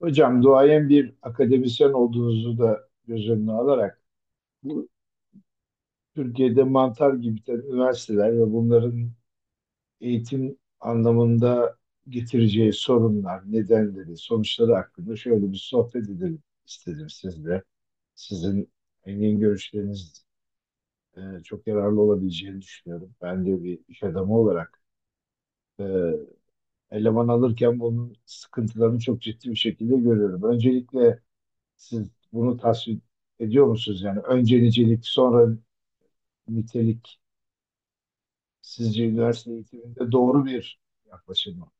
Hocam duayen bir akademisyen olduğunuzu da göz önüne alarak bu Türkiye'de mantar gibi tabii üniversiteler ve bunların eğitim anlamında getireceği sorunlar, nedenleri, sonuçları hakkında şöyle bir sohbet edelim istedim sizle. Sizin engin görüşleriniz çok yararlı olabileceğini düşünüyorum. Ben de bir iş adamı olarak e, eleman alırken bunun sıkıntılarını çok ciddi bir şekilde görüyorum. Öncelikle siz bunu tasvip ediyor musunuz? Yani önce nicelik, sonra nitelik sizce üniversite eğitiminde doğru bir yaklaşım mı?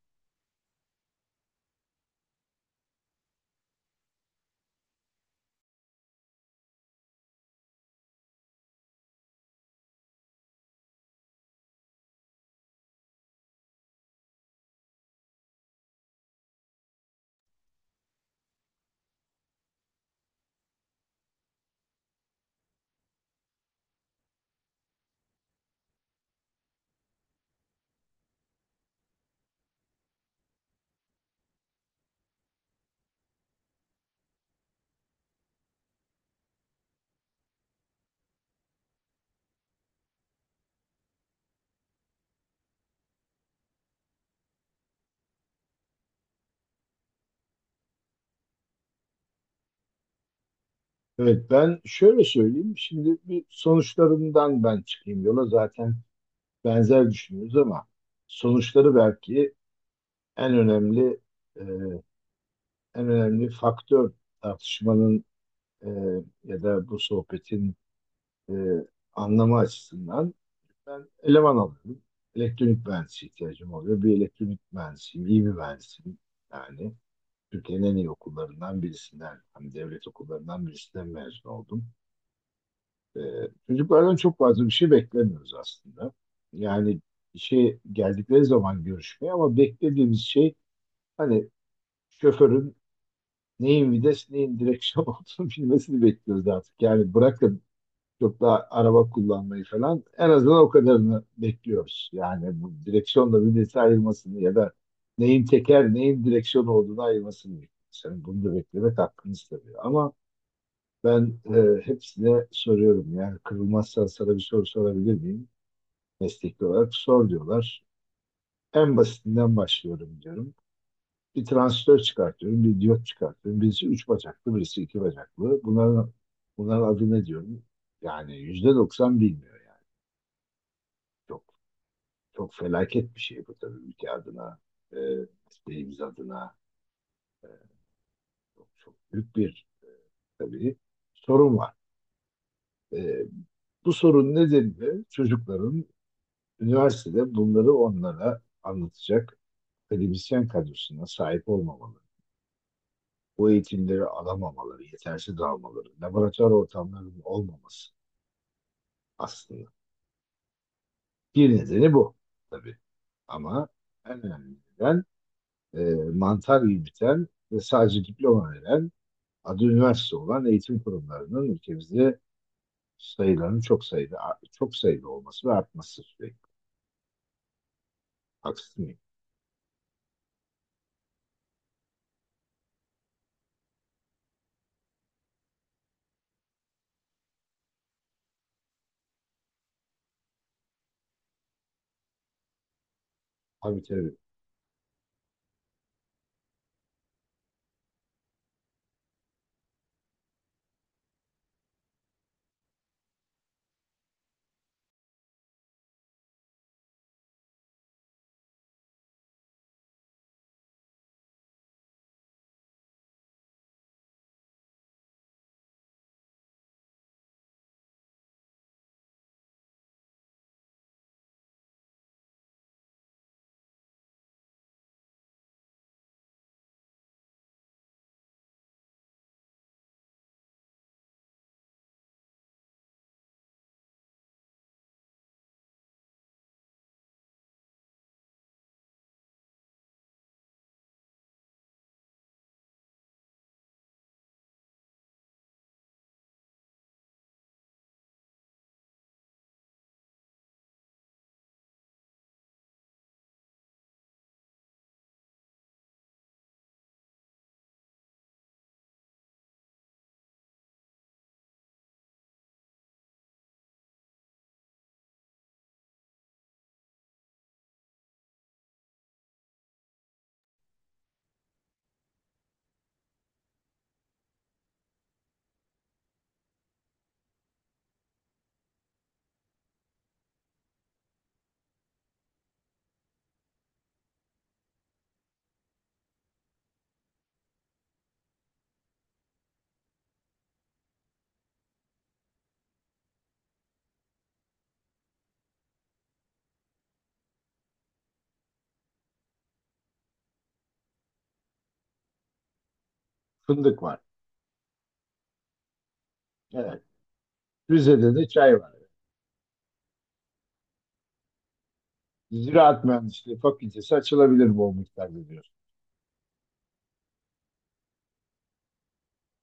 Evet, ben şöyle söyleyeyim. Şimdi bir sonuçlarından ben çıkayım yola. Zaten benzer düşünüyoruz ama sonuçları belki en önemli e, en önemli faktör tartışmanın, e, ya da bu sohbetin e, anlamı açısından. Ben eleman alıyorum. Elektronik mühendisi ihtiyacım oluyor. Bir elektronik mühendisiyim, iyi bir mühendisiyim. Yani Türkiye'nin en iyi okullarından birisinden, hani devlet okullarından birisinden mezun oldum. Ee, Çocuklardan çok fazla bir şey beklemiyoruz aslında. Yani işe geldikleri zaman görüşmeye, ama beklediğimiz şey hani şoförün neyin vites, neyin direksiyon olduğunu bilmesini bekliyoruz artık. Yani bırakın çok da araba kullanmayı falan, en azından o kadarını bekliyoruz. Yani bu direksiyonla birbirine ayrılmasını ya da neyin teker neyin direksiyon olduğunu ayırmasını bekliyoruz. Yani bunu da beklemek hakkınız tabii. Ama ben hepsine soruyorum. Yani kırılmazsa sana bir soru sorabilir miyim? Mesleki olarak sor diyorlar. En basitinden başlıyorum diyorum. Bir transistör çıkartıyorum, bir diyot çıkartıyorum. Birisi üç bacaklı, birisi iki bacaklı. Bunların adı ne diyorum? Yani %90 bilmiyor yani. Çok. Çok felaket bir şey bu tabii ülke adına, e, isteğimiz adına. Çok, çok büyük bir tabii sorun var. E, Bu sorun nedeni çocukların üniversitede bunları onlara anlatacak akademisyen kadrosuna sahip olmamaları, bu eğitimleri alamamaları, yetersiz almaları, laboratuvar ortamlarının olmaması aslında. Bir nedeni bu tabii, ama en önemli neden mantar gibi biten ve sadece diploma veren adı üniversite olan eğitim kurumlarının ülkemizde sayılarının çok sayıda olması ve artması sürekli. Haksız mıyım? Tabii, tabii. Fındık var. Evet. Rize'de de çay var. Evet. Ziraat Mühendisliği Fakültesi açılabilir bu miktarda diyor.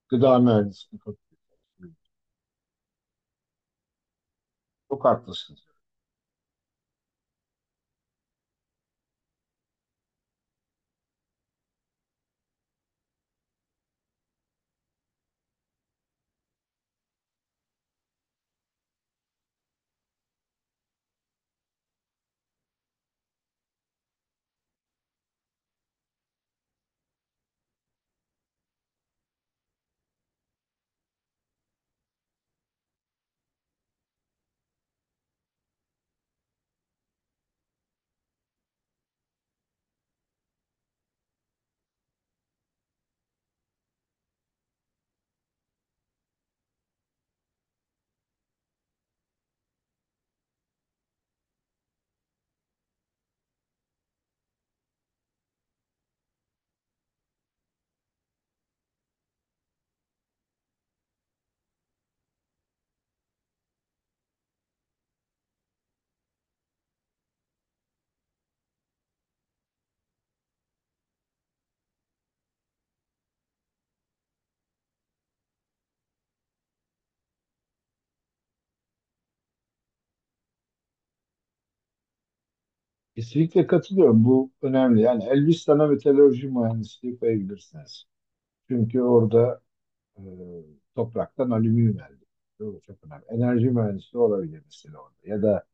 Gıda Mühendisliği Fakültesi. Çok haklısınız. Kesinlikle katılıyorum. Bu önemli. Yani Elbistan'a metalurji mühendisliği koyabilirsiniz. Çünkü orada e, topraktan alüminyum elde ediyor. Bu çok önemli. Enerji mühendisliği olabilir mesela orada. Ya da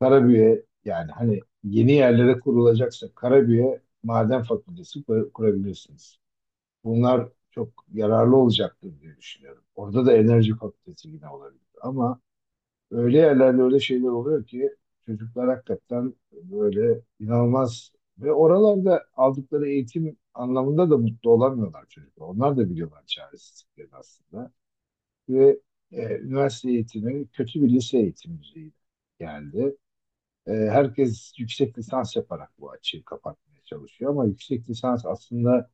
Karabüye, yani hani yeni yerlere kurulacaksa Karabüye Maden Fakültesi kurabilirsiniz. Bunlar çok yararlı olacaktır diye düşünüyorum. Orada da Enerji Fakültesi yine olabilir. Ama öyle yerlerde öyle şeyler oluyor ki çocuklar hakikaten böyle inanılmaz ve oralarda aldıkları eğitim anlamında da mutlu olamıyorlar çocuklar. Onlar da biliyorlar çaresizlikleri aslında. Ve üniversite eğitimi kötü bir lise eğitimi düzeyinde geldi. Herkes yüksek lisans yaparak bu açığı kapatmaya çalışıyor, ama yüksek lisans aslında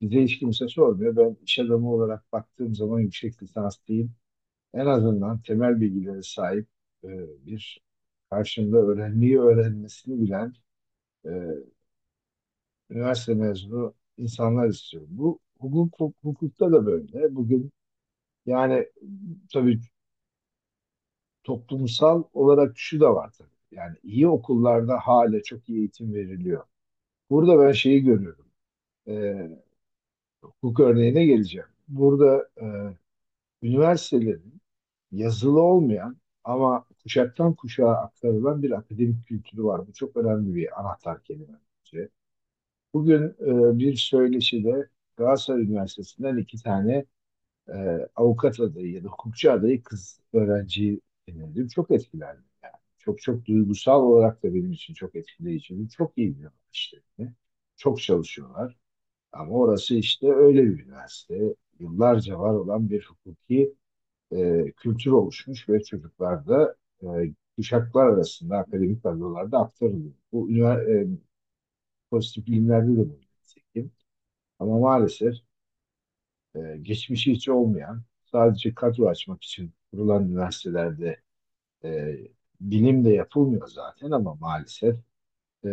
bize hiç kimse sormuyor. Ben iş adamı olarak baktığım zaman yüksek lisans değil, en azından temel bilgilere sahip, e, bir karşımda öğrenmeyi öğrenmesini bilen, e, üniversite mezunu insanlar istiyorum. Bu hukuk, hukukta da böyle. Bugün yani tabii toplumsal olarak şu da var tabii. Yani iyi okullarda hala çok iyi eğitim veriliyor. Burada ben şeyi görüyorum. e, Hukuk örneğine geleceğim. Burada üniversitelerin yazılı olmayan ama kuşaktan kuşağa aktarılan bir akademik kültürü var. Bu çok önemli bir anahtar kelime bence. Bugün bir söyleşide Galatasaray Üniversitesi'nden iki tane e, avukat adayı ya da hukukçu adayı kız öğrenci dinledim. Çok etkilendim yani. Çok çok duygusal olarak da benim için çok etkileyici. Çok iyi bir işte. Çok çalışıyorlar. Ama orası işte öyle bir üniversite. Yıllarca var olan bir hukuki kültür oluşmuş ve çocuklarda, e, kuşaklar arasında akademik kadrolarda aktarılıyor. Bu pozitif bilimlerde de bu nitekim. Ama maalesef geçmişi hiç olmayan, sadece kadro açmak için kurulan üniversitelerde e, bilim de yapılmıyor zaten, ama maalesef e,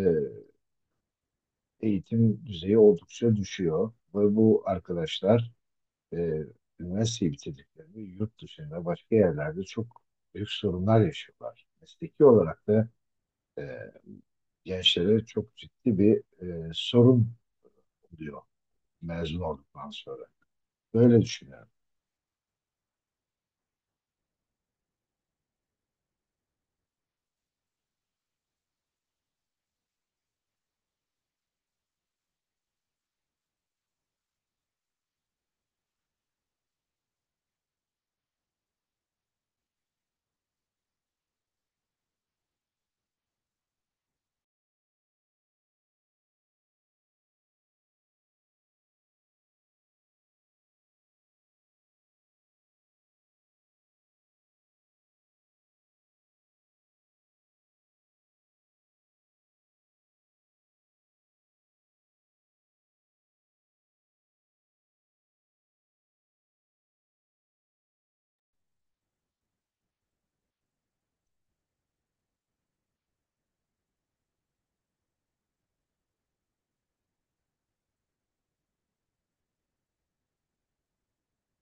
eğitim düzeyi oldukça düşüyor. Ve bu arkadaşlar e, üniversiteyi bitirdiklerinde yurt dışında başka yerlerde çok büyük sorunlar yaşıyorlar. Mesleki olarak da e, gençlere çok ciddi bir sorun oluyor mezun olduktan sonra. Böyle düşünüyorum.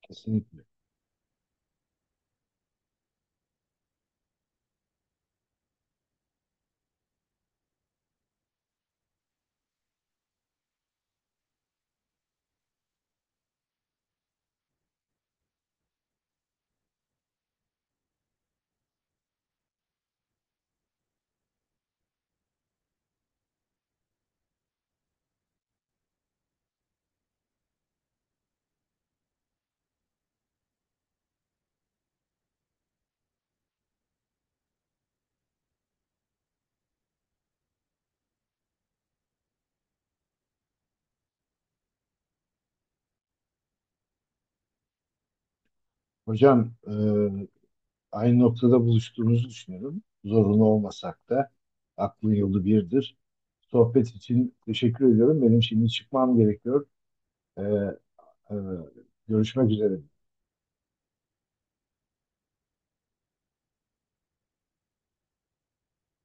Kesinlikle. Hocam, aynı noktada buluştuğumuzu düşünüyorum. Zorunlu olmasak da aklın yolu birdir. Sohbet için teşekkür ediyorum. Benim şimdi çıkmam gerekiyor. E, e, Görüşmek üzere.